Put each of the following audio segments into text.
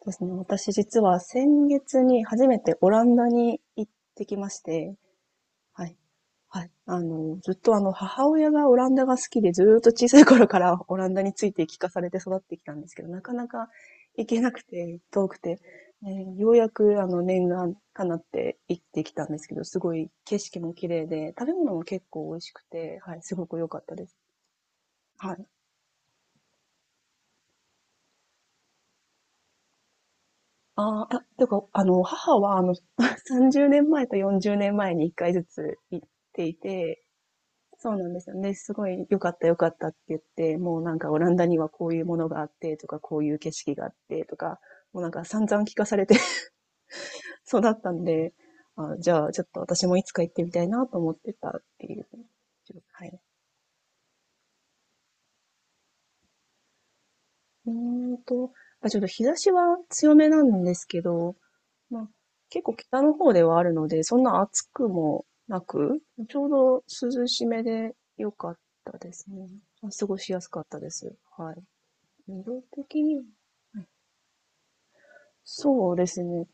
そうですね。私実は先月に初めてオランダに行ってきまして、はい。はい。ずっと母親がオランダが好きで、ずーっと小さい頃からオランダについて聞かされて育ってきたんですけど、なかなか行けなくて、遠くて、ね、ようやく念願かなって行ってきたんですけど、すごい景色も綺麗で、食べ物も結構美味しくて、はい、すごく良かったです。はい。ああ、いや、てか、母は、30年前と40年前に1回ずつ行っていて、そうなんですよね。すごい良かった良かったって言って、もうなんかオランダにはこういうものがあってとか、こういう景色があってとか、もうなんか散々聞かされて 育ったんで、あ、じゃあちょっと私もいつか行ってみたいなと思ってたっていう。はい。うーんと、あ、ちょっと日差しは強めなんですけど、まあ、結構北の方ではあるので、そんな暑くもなく、ちょうど涼しめで良かったですね。過ごしやすかったです。はい。色的に、そうですね。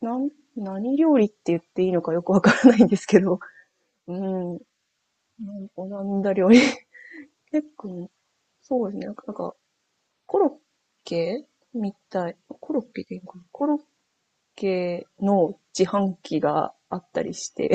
なん、何料理って言っていいのかよくわからないんですけど、うん、オランダ料理。結構、そうですね。なんか、コロッケみたい。コロッケでいいのかな、コロッケの自販機があったりして、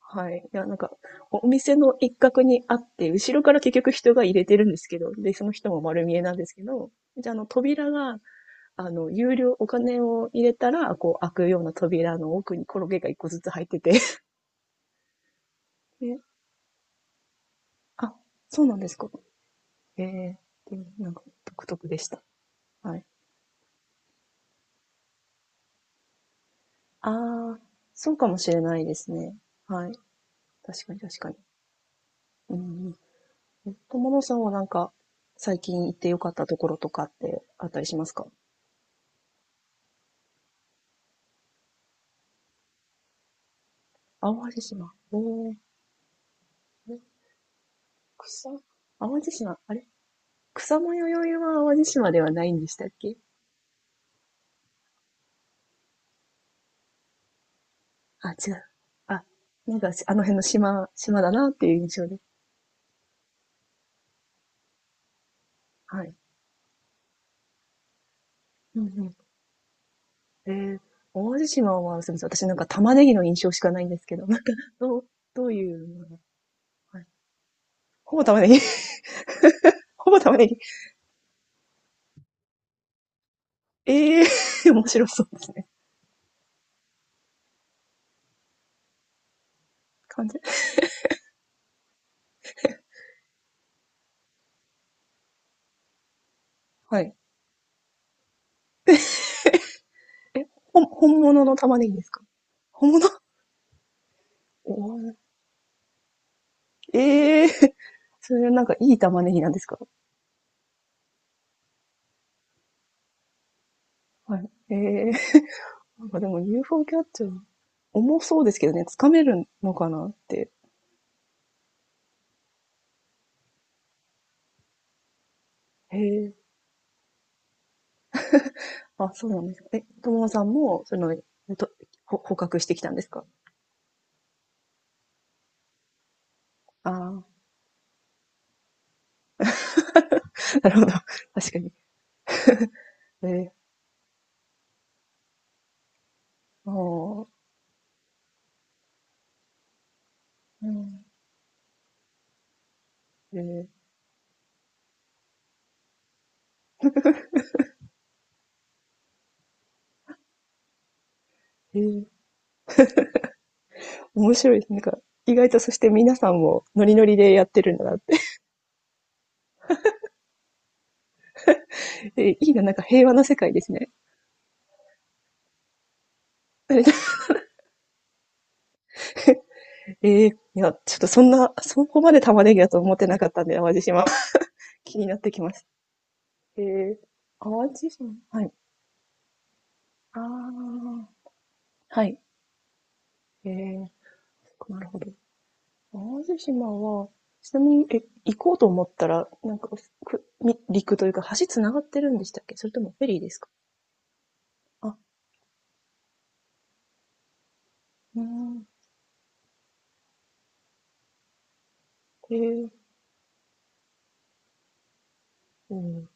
はい。いや、なんか、お店の一角にあって、後ろから結局人が入れてるんですけど、で、その人も丸見えなんですけど、じゃあ、扉が、有料、お金を入れたら、こう、開くような扉の奥にコロゲが一個ずつ入ってて、え、あ、そうなんですか。ええ、でもなんか、独特でした。はい。ああ、そうかもしれないですね。はい。確かに確かに。うんうん。友野さんはなんか、最近行ってよかったところとかってあったりしますか？淡路島、おー、え、草、淡路島、あれ、草よ宵は淡路島ではないんでしたっけ？あ、違う。あ、なんかし、あの辺の島、島だなっていう印象で。はい。うんうん。淡路島は、すみません。私なんか玉ねぎの印象しかないんですけど、なんか、どう、どういうもの、はい、ほぼ玉ねぎ ほぼ玉ねぎ。ええー、面白そうですね。完全。はい。本物の玉ねぎですか？本物、おー、ええー、それなんかいい玉ねぎなんですか？はい。ええー、なんかでも UFO キャッチャー、重そうですけどね、掴めるのかなって。へえ。あ、そうなんですか。え、友野さんも、とほ捕獲してきたんですか？ああ、なるほど。確かに。ええ、ああ、うん、えええー面白いです。なんか、意外とそして皆さんもノリノリでやってるんだなって。いいな、なんか平和な世界ですね。ええ、いや、ちょっとそんな、そこまで玉ねぎだと思ってなかったんで、淡路島。気になってきました。ええ、淡路島、はい。ああ、はい。ええ、なるほど。淡路島は、ちなみに、行こうと思ったら、なんか、陸というか、橋繋がってるんでしたっけ、それともフェリーですか？あ、うーん、ええ、うん。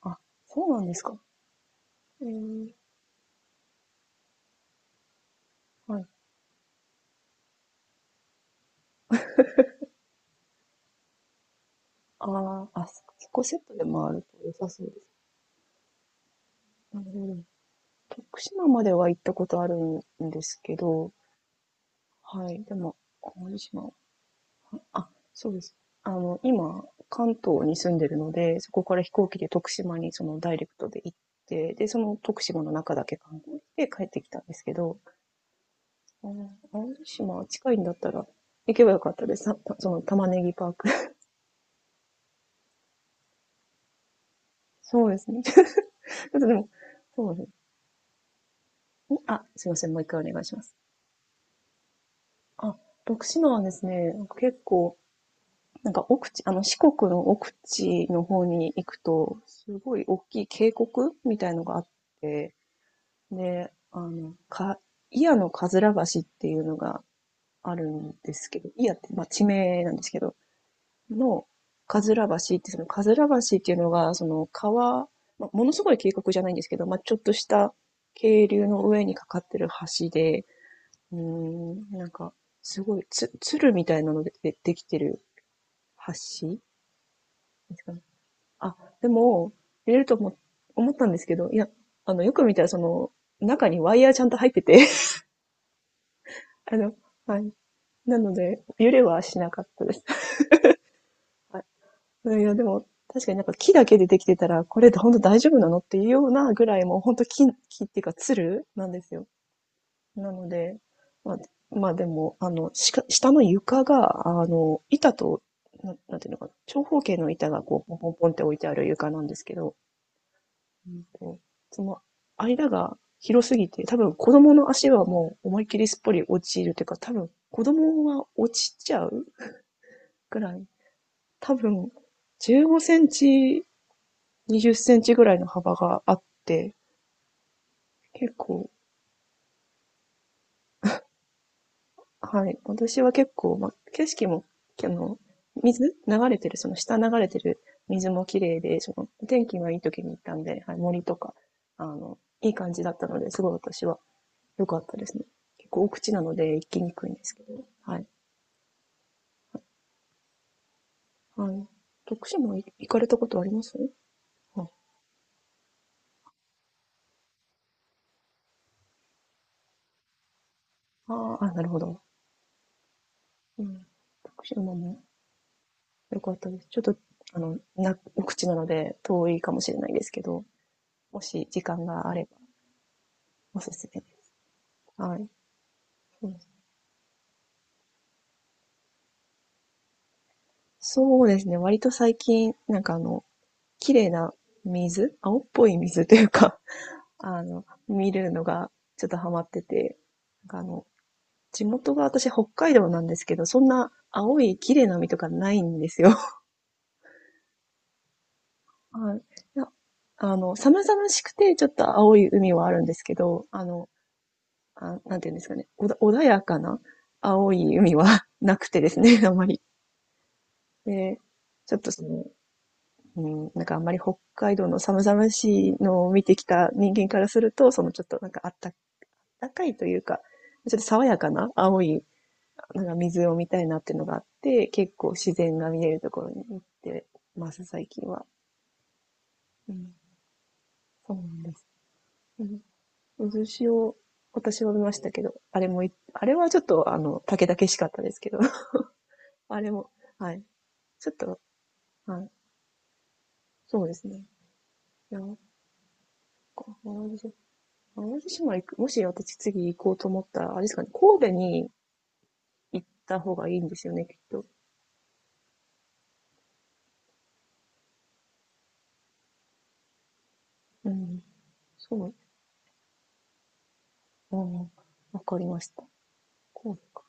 あ、そうなんですか。ええ、はい。ああ、あ、そこセットで回ると良さそうです。なるほど。徳島までは行ったことあるんですけど、はい。でも、淡路島、あ、そうです。あの、今、関東に住んでるので、そこから飛行機で徳島にそのダイレクトで行って、で、その徳島の中だけ観光して帰ってきたんですけど、あの、青島近いんだったら行けばよかったです。さたその玉ねぎパーク。そうですね。ちょっとでも、そうですね。あ、すいません。もう一回お願いします。あ、徳島はですね、なんか結構、なんか奥地、あの四国の奥地の方に行くと、すごい大きい渓谷みたいのがあって、で、祖谷のかずら橋っていうのがあるんですけど、祖谷って、まあ、地名なんですけど、の、かずら橋って、その、かずら橋っていうのが、その、川、まあ、ものすごい渓谷じゃないんですけど、まあ、ちょっとした渓流の上にかかってる橋で、うーん、なんか、すごい、鶴みたいなのででできてる橋ですかね。あ、でも、入れると思ったんですけど、いや、あの、よく見たら、その、中にワイヤーちゃんと入ってて、あの、はい。なので、揺れはしなかったです。はい。いや、でも、確かになんか木だけでできてたら、これで本当大丈夫なのっていうようなぐらい、もう本当木、木っていうか、つるなんですよ。なので、まあ、まあでも、あの、下の床が、あの、板と、なんていうのかな、長方形の板がこう、ポンポンポンって置いてある床なんですけど、うんと、その間が広すぎて、多分子供の足はもう思いっきりすっぽり落ちるというか、多分子供は落ちちゃうぐらい、多分、15センチ、20センチぐらいの幅があって、結構、はい。私は結構、ま、景色も、あの、水流れてる、その下流れてる水も綺麗で、その、天気がいい時に行ったんで、はい、森とか、あの、いい感じだったので、すごい私は良かったですね。結構奥地なので行きにくいんですけど、はい。はい。徳島行かれたことあります？ああー、あ、なるほど。うん。徳島もよかったです。ちょっと、あの、お口なので遠いかもしれないですけど、もし時間があればおすすめです。はい。そうです、そうですね。割と最近、なんかあの、綺麗な水、青っぽい水というか、あの、見るのがちょっとハマってて、なんかあの、地元が私北海道なんですけど、そんな青い綺麗な海とかないんですよ。はい。いや、あの、寒々しくてちょっと青い海はあるんですけど、あの、あ、なんていうんですかね、穏やかな青い海は なくてですね、あんまり。で、ちょっとその、うん、なんかあんまり北海道の寒々しいのを見てきた人間からすると、そのちょっとなんかあった、かいというか、ちょっと爽やかな青い、なんか水を見たいなっていうのがあって、結構自然が見えるところに行ってます、最近は。うん、そうなんです。うん、渦潮、私は見ましたけど、あれもい、あれはちょっと、あの、竹々しかったですけど、あれも、はい。ちょっと、はい、そうですね。いや、なんか淡路島、淡路島行く、もし私次行こうと思ったら、あれですかね、神戸に行った方がいいんですよね、きっと。うん。そう、うん、わかりました。神戸か。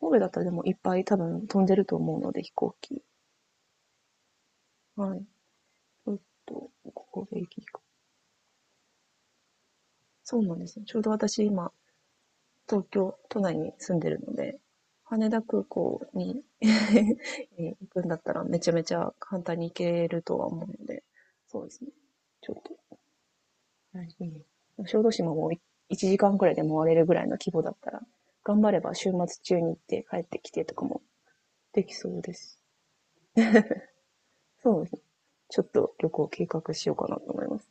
神戸だったらでもいっぱい多分飛んでると思うので、飛行機。はい。ちょっと、神戸行きか。そうなんですね。ちょうど私今、東京都内に住んでるので、羽田空港に 行くんだったらめちゃめちゃ簡単に行けるとは思うので、そうですね。ちょっと、はい、小豆島も1時間くらいで回れるぐらいの規模だったら、頑張れば週末中に行って帰ってきてとかもできそうです。そうですね。ちょっと旅行計画しようかなと思います。